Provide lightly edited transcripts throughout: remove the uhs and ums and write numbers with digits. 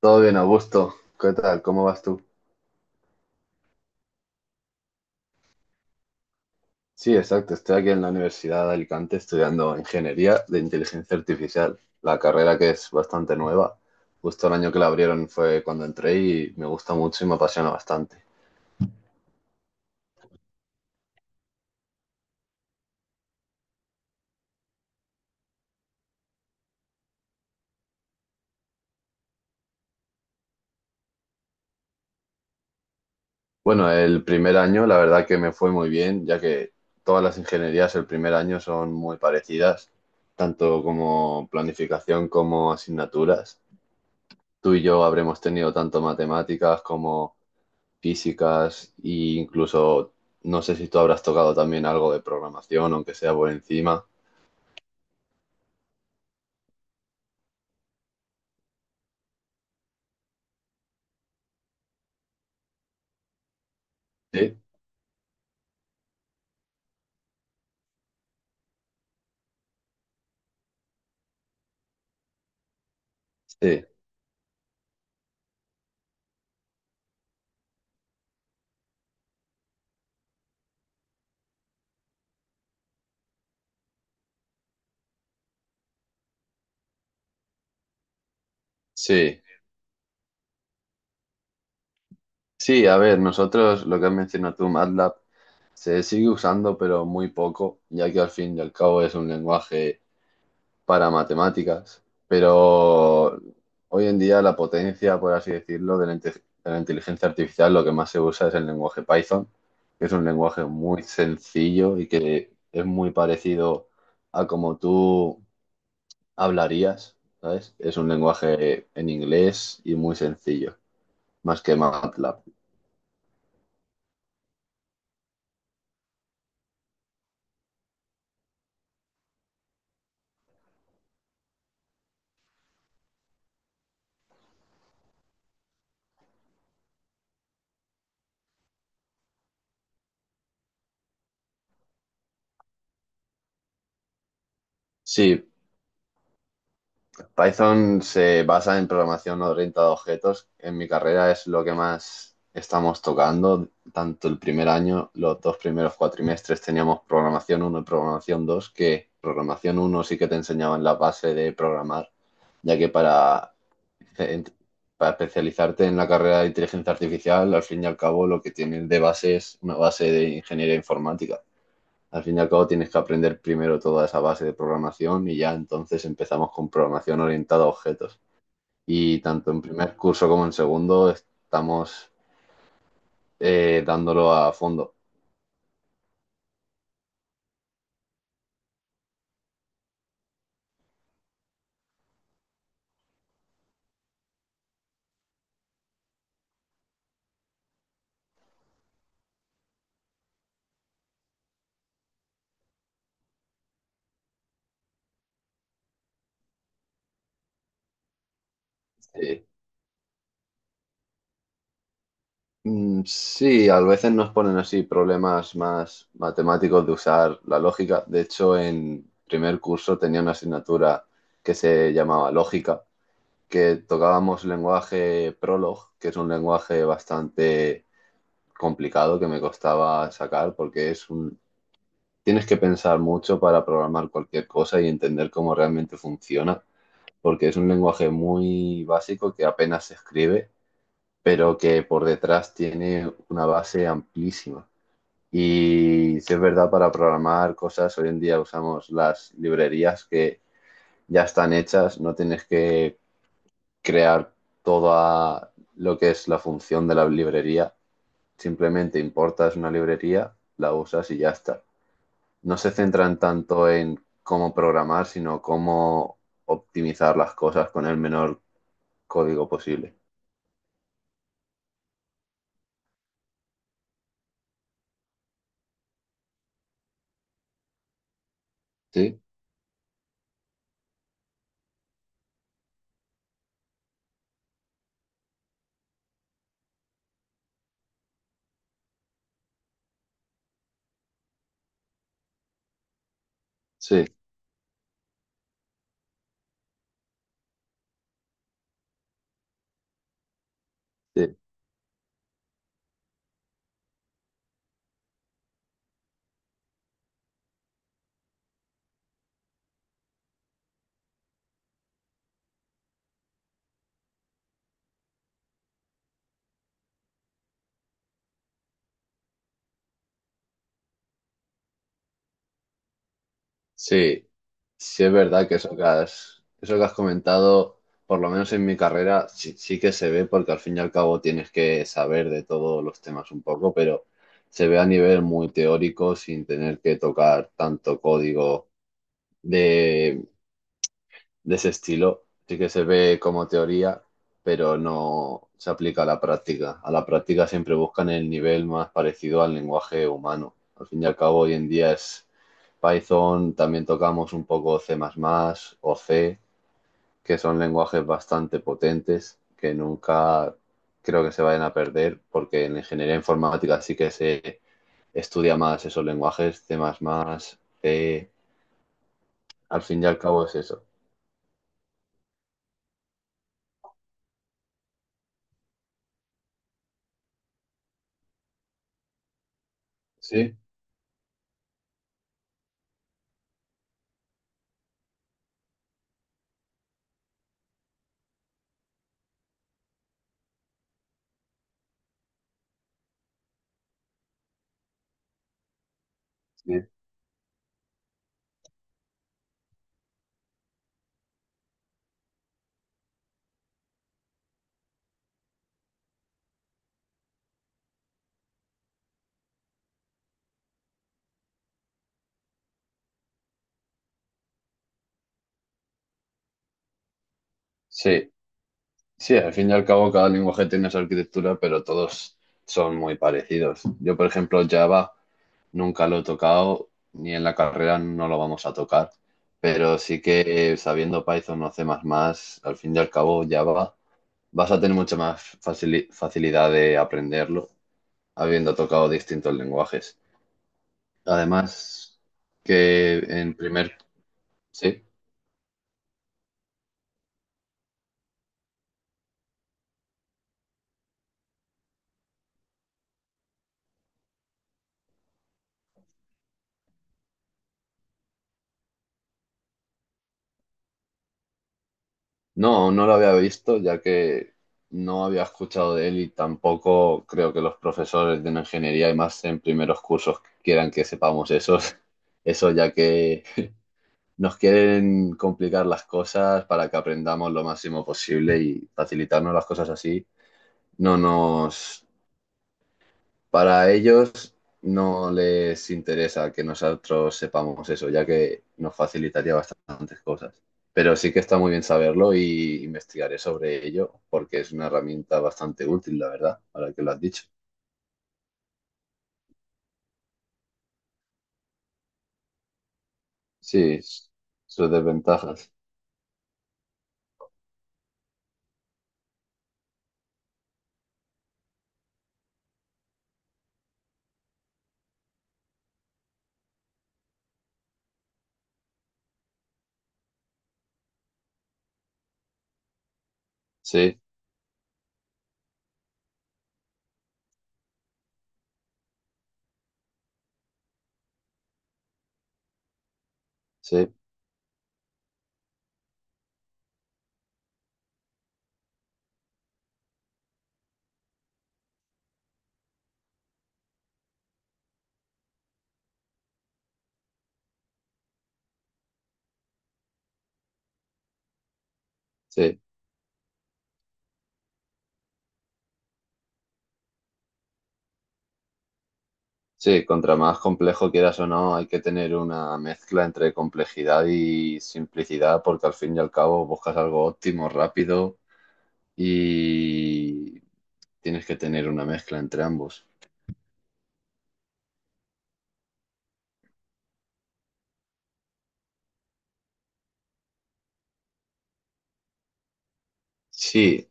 Todo bien, Augusto. ¿Qué tal? ¿Cómo vas tú? Sí, exacto. Estoy aquí en la Universidad de Alicante estudiando Ingeniería de Inteligencia Artificial, la carrera que es bastante nueva. Justo el año que la abrieron fue cuando entré y me gusta mucho y me apasiona bastante. Bueno, el primer año la verdad que me fue muy bien, ya que todas las ingenierías el primer año son muy parecidas, tanto como planificación como asignaturas. Tú y yo habremos tenido tanto matemáticas como físicas e incluso no sé si tú habrás tocado también algo de programación, aunque sea por encima. Sí, sí, sí. Sí, a ver, nosotros lo que has mencionado tú, MATLAB, se sigue usando, pero muy poco, ya que al fin y al cabo es un lenguaje para matemáticas, pero hoy en día la potencia, por así decirlo, de la inteligencia artificial, lo que más se usa es el lenguaje Python, que es un lenguaje muy sencillo y que es muy parecido a como tú hablarías, ¿sabes? Es un lenguaje en inglés y muy sencillo, más que MATLAB. Sí, Python se basa en programación orientada a objetos. En mi carrera es lo que más estamos tocando. Tanto el primer año, los dos primeros cuatrimestres teníamos programación uno y programación 2, que programación uno sí que te enseñaban la base de programar, ya que para especializarte en la carrera de inteligencia artificial, al fin y al cabo lo que tienes de base es una base de ingeniería informática. Al fin y al cabo tienes que aprender primero toda esa base de programación y ya entonces empezamos con programación orientada a objetos. Y tanto en primer curso como en segundo estamos dándolo a fondo. Sí. Mm, sí, a veces nos ponen así problemas más matemáticos de usar la lógica. De hecho, en primer curso tenía una asignatura que se llamaba lógica, que tocábamos lenguaje Prolog, que es un lenguaje bastante complicado que me costaba sacar porque es un... Tienes que pensar mucho para programar cualquier cosa y entender cómo realmente funciona, porque es un lenguaje muy básico que apenas se escribe, pero que por detrás tiene una base amplísima. Y si es verdad, para programar cosas, hoy en día usamos las librerías que ya están hechas, no tienes que crear toda lo que es la función de la librería, simplemente importas una librería, la usas y ya está. No se centran tanto en cómo programar, sino cómo optimizar las cosas con el menor código posible. Sí, sí, sí. Sí, sí es verdad que eso que has comentado, por lo menos en mi carrera, sí, sí que se ve porque al fin y al cabo tienes que saber de todos los temas un poco, pero se ve a nivel muy teórico sin tener que tocar tanto código de de ese estilo. Sí que se ve como teoría, pero no se aplica a la práctica. A la práctica siempre buscan el nivel más parecido al lenguaje humano. Al fin y al cabo, hoy en día es Python, también tocamos un poco C++ o C, que son lenguajes bastante potentes que nunca creo que se vayan a perder, porque en ingeniería informática sí que se estudia más esos lenguajes, C++, C, al fin y al cabo es eso. Sí, sí. Sí, sí, al fin y al cabo cada lenguaje tiene su arquitectura, pero todos son muy parecidos. Yo, por ejemplo, Java nunca lo he tocado, ni en la carrera no lo vamos a tocar, pero sí que sabiendo Python o C++, al fin y al cabo Java vas a tener mucha más facilidad de aprenderlo habiendo tocado distintos lenguajes. Además, que en primer... Sí. No, no lo había visto, ya que no había escuchado de él y tampoco creo que los profesores de una ingeniería y más en primeros cursos quieran que sepamos eso, eso ya que nos quieren complicar las cosas para que aprendamos lo máximo posible y facilitarnos las cosas así. No nos, para ellos no les interesa que nosotros sepamos eso, ya que nos facilitaría bastantes cosas. Pero sí que está muy bien saberlo y investigaré sobre ello, porque es una herramienta bastante útil, la verdad, ahora que lo has dicho. Sí, sus desventajas. Sí, sí, sí. Sí, contra más complejo quieras o no, hay que tener una mezcla entre complejidad y simplicidad, porque al fin y al cabo buscas algo óptimo, rápido y tienes que tener una mezcla entre ambos. Sí,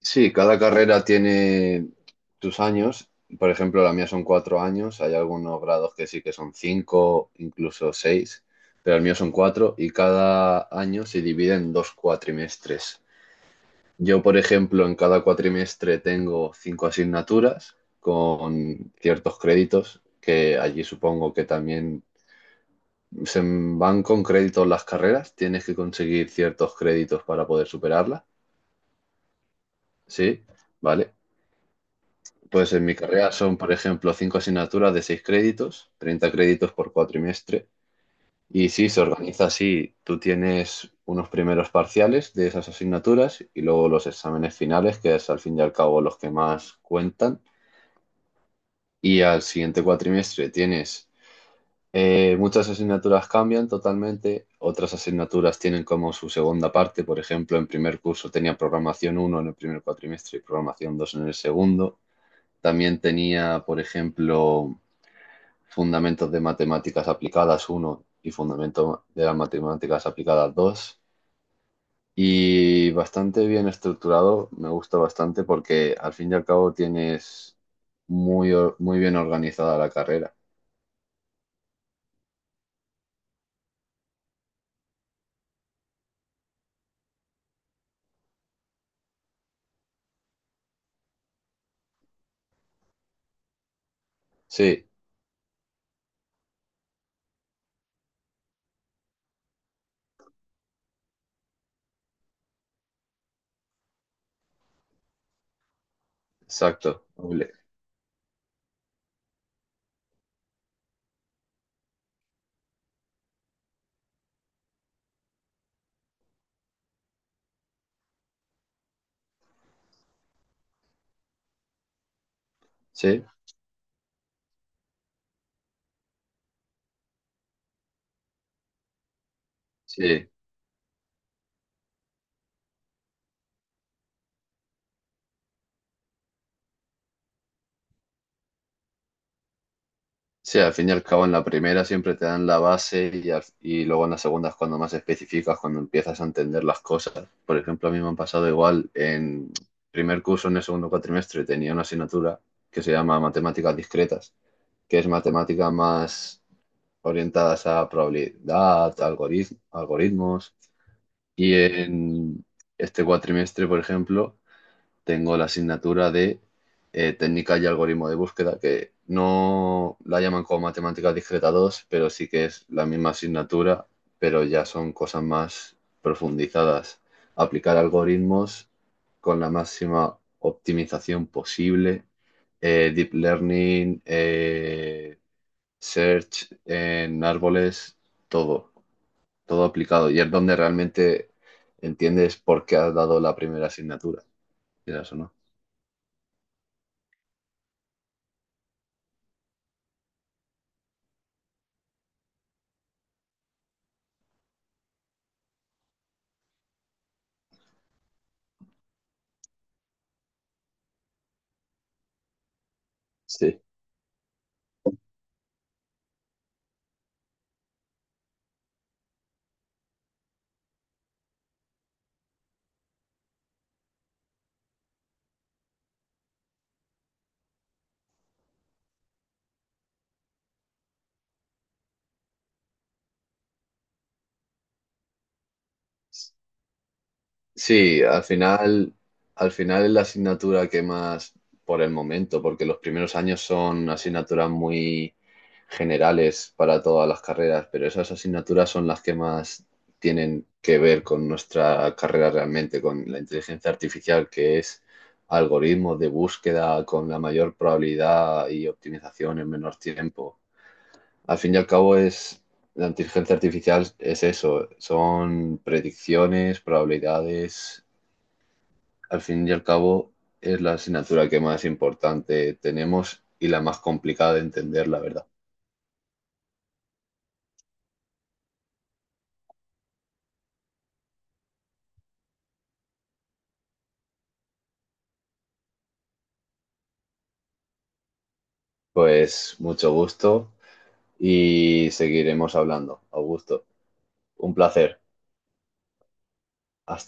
sí, cada carrera tiene sus años. Por ejemplo, la mía son cuatro años. Hay algunos grados que sí que son cinco, incluso seis, pero el mío son cuatro y cada año se divide en dos cuatrimestres. Yo, por ejemplo, en cada cuatrimestre tengo cinco asignaturas con ciertos créditos, que allí supongo que también se van con créditos las carreras. Tienes que conseguir ciertos créditos para poder superarlas. Sí, vale. Pues en mi carrera son, por ejemplo, cinco asignaturas de seis créditos, 30 créditos por cuatrimestre. Y sí, se organiza así. Tú tienes unos primeros parciales de esas asignaturas y luego los exámenes finales, que es al fin y al cabo los que más cuentan. Y al siguiente cuatrimestre tienes muchas asignaturas cambian totalmente, otras asignaturas tienen como su segunda parte. Por ejemplo, en primer curso tenía programación uno en el primer cuatrimestre y programación 2 en el segundo. También tenía, por ejemplo, Fundamentos de Matemáticas Aplicadas uno y Fundamentos de las Matemáticas Aplicadas dos. Y bastante bien estructurado, me gusta bastante porque al fin y al cabo tienes muy bien organizada la carrera. Sí, exacto. Doble. Sí, sí. Sí, al fin y al cabo en la primera siempre te dan la base y, y luego en la segunda es cuando más especificas, cuando empiezas a entender las cosas. Por ejemplo, a mí me han pasado igual en primer curso, en el segundo cuatrimestre, tenía una asignatura que se llama Matemáticas Discretas, que es matemática más orientadas a probabilidad, algoritmos. Y en este cuatrimestre, por ejemplo, tengo la asignatura de técnica y algoritmo de búsqueda, que no la llaman como matemáticas discreta 2 pero sí que es la misma asignatura, pero ya son cosas más profundizadas. Aplicar algoritmos con la máxima optimización posible, deep learning, search en árboles, todo, todo aplicado. Y es donde realmente entiendes por qué has dado la primera asignatura, quieras o no. Sí, sí, al final es la asignatura que más por el momento, porque los primeros años son asignaturas muy generales para todas las carreras, pero esas asignaturas son las que más tienen que ver con nuestra carrera realmente, con la inteligencia artificial, que es algoritmos de búsqueda con la mayor probabilidad y optimización en menor tiempo. Al fin y al cabo es... La inteligencia artificial es eso, son predicciones, probabilidades, al fin y al cabo, es la asignatura que más importante tenemos y la más complicada de entender, la verdad. Pues mucho gusto y seguiremos hablando. Augusto, un placer. Hasta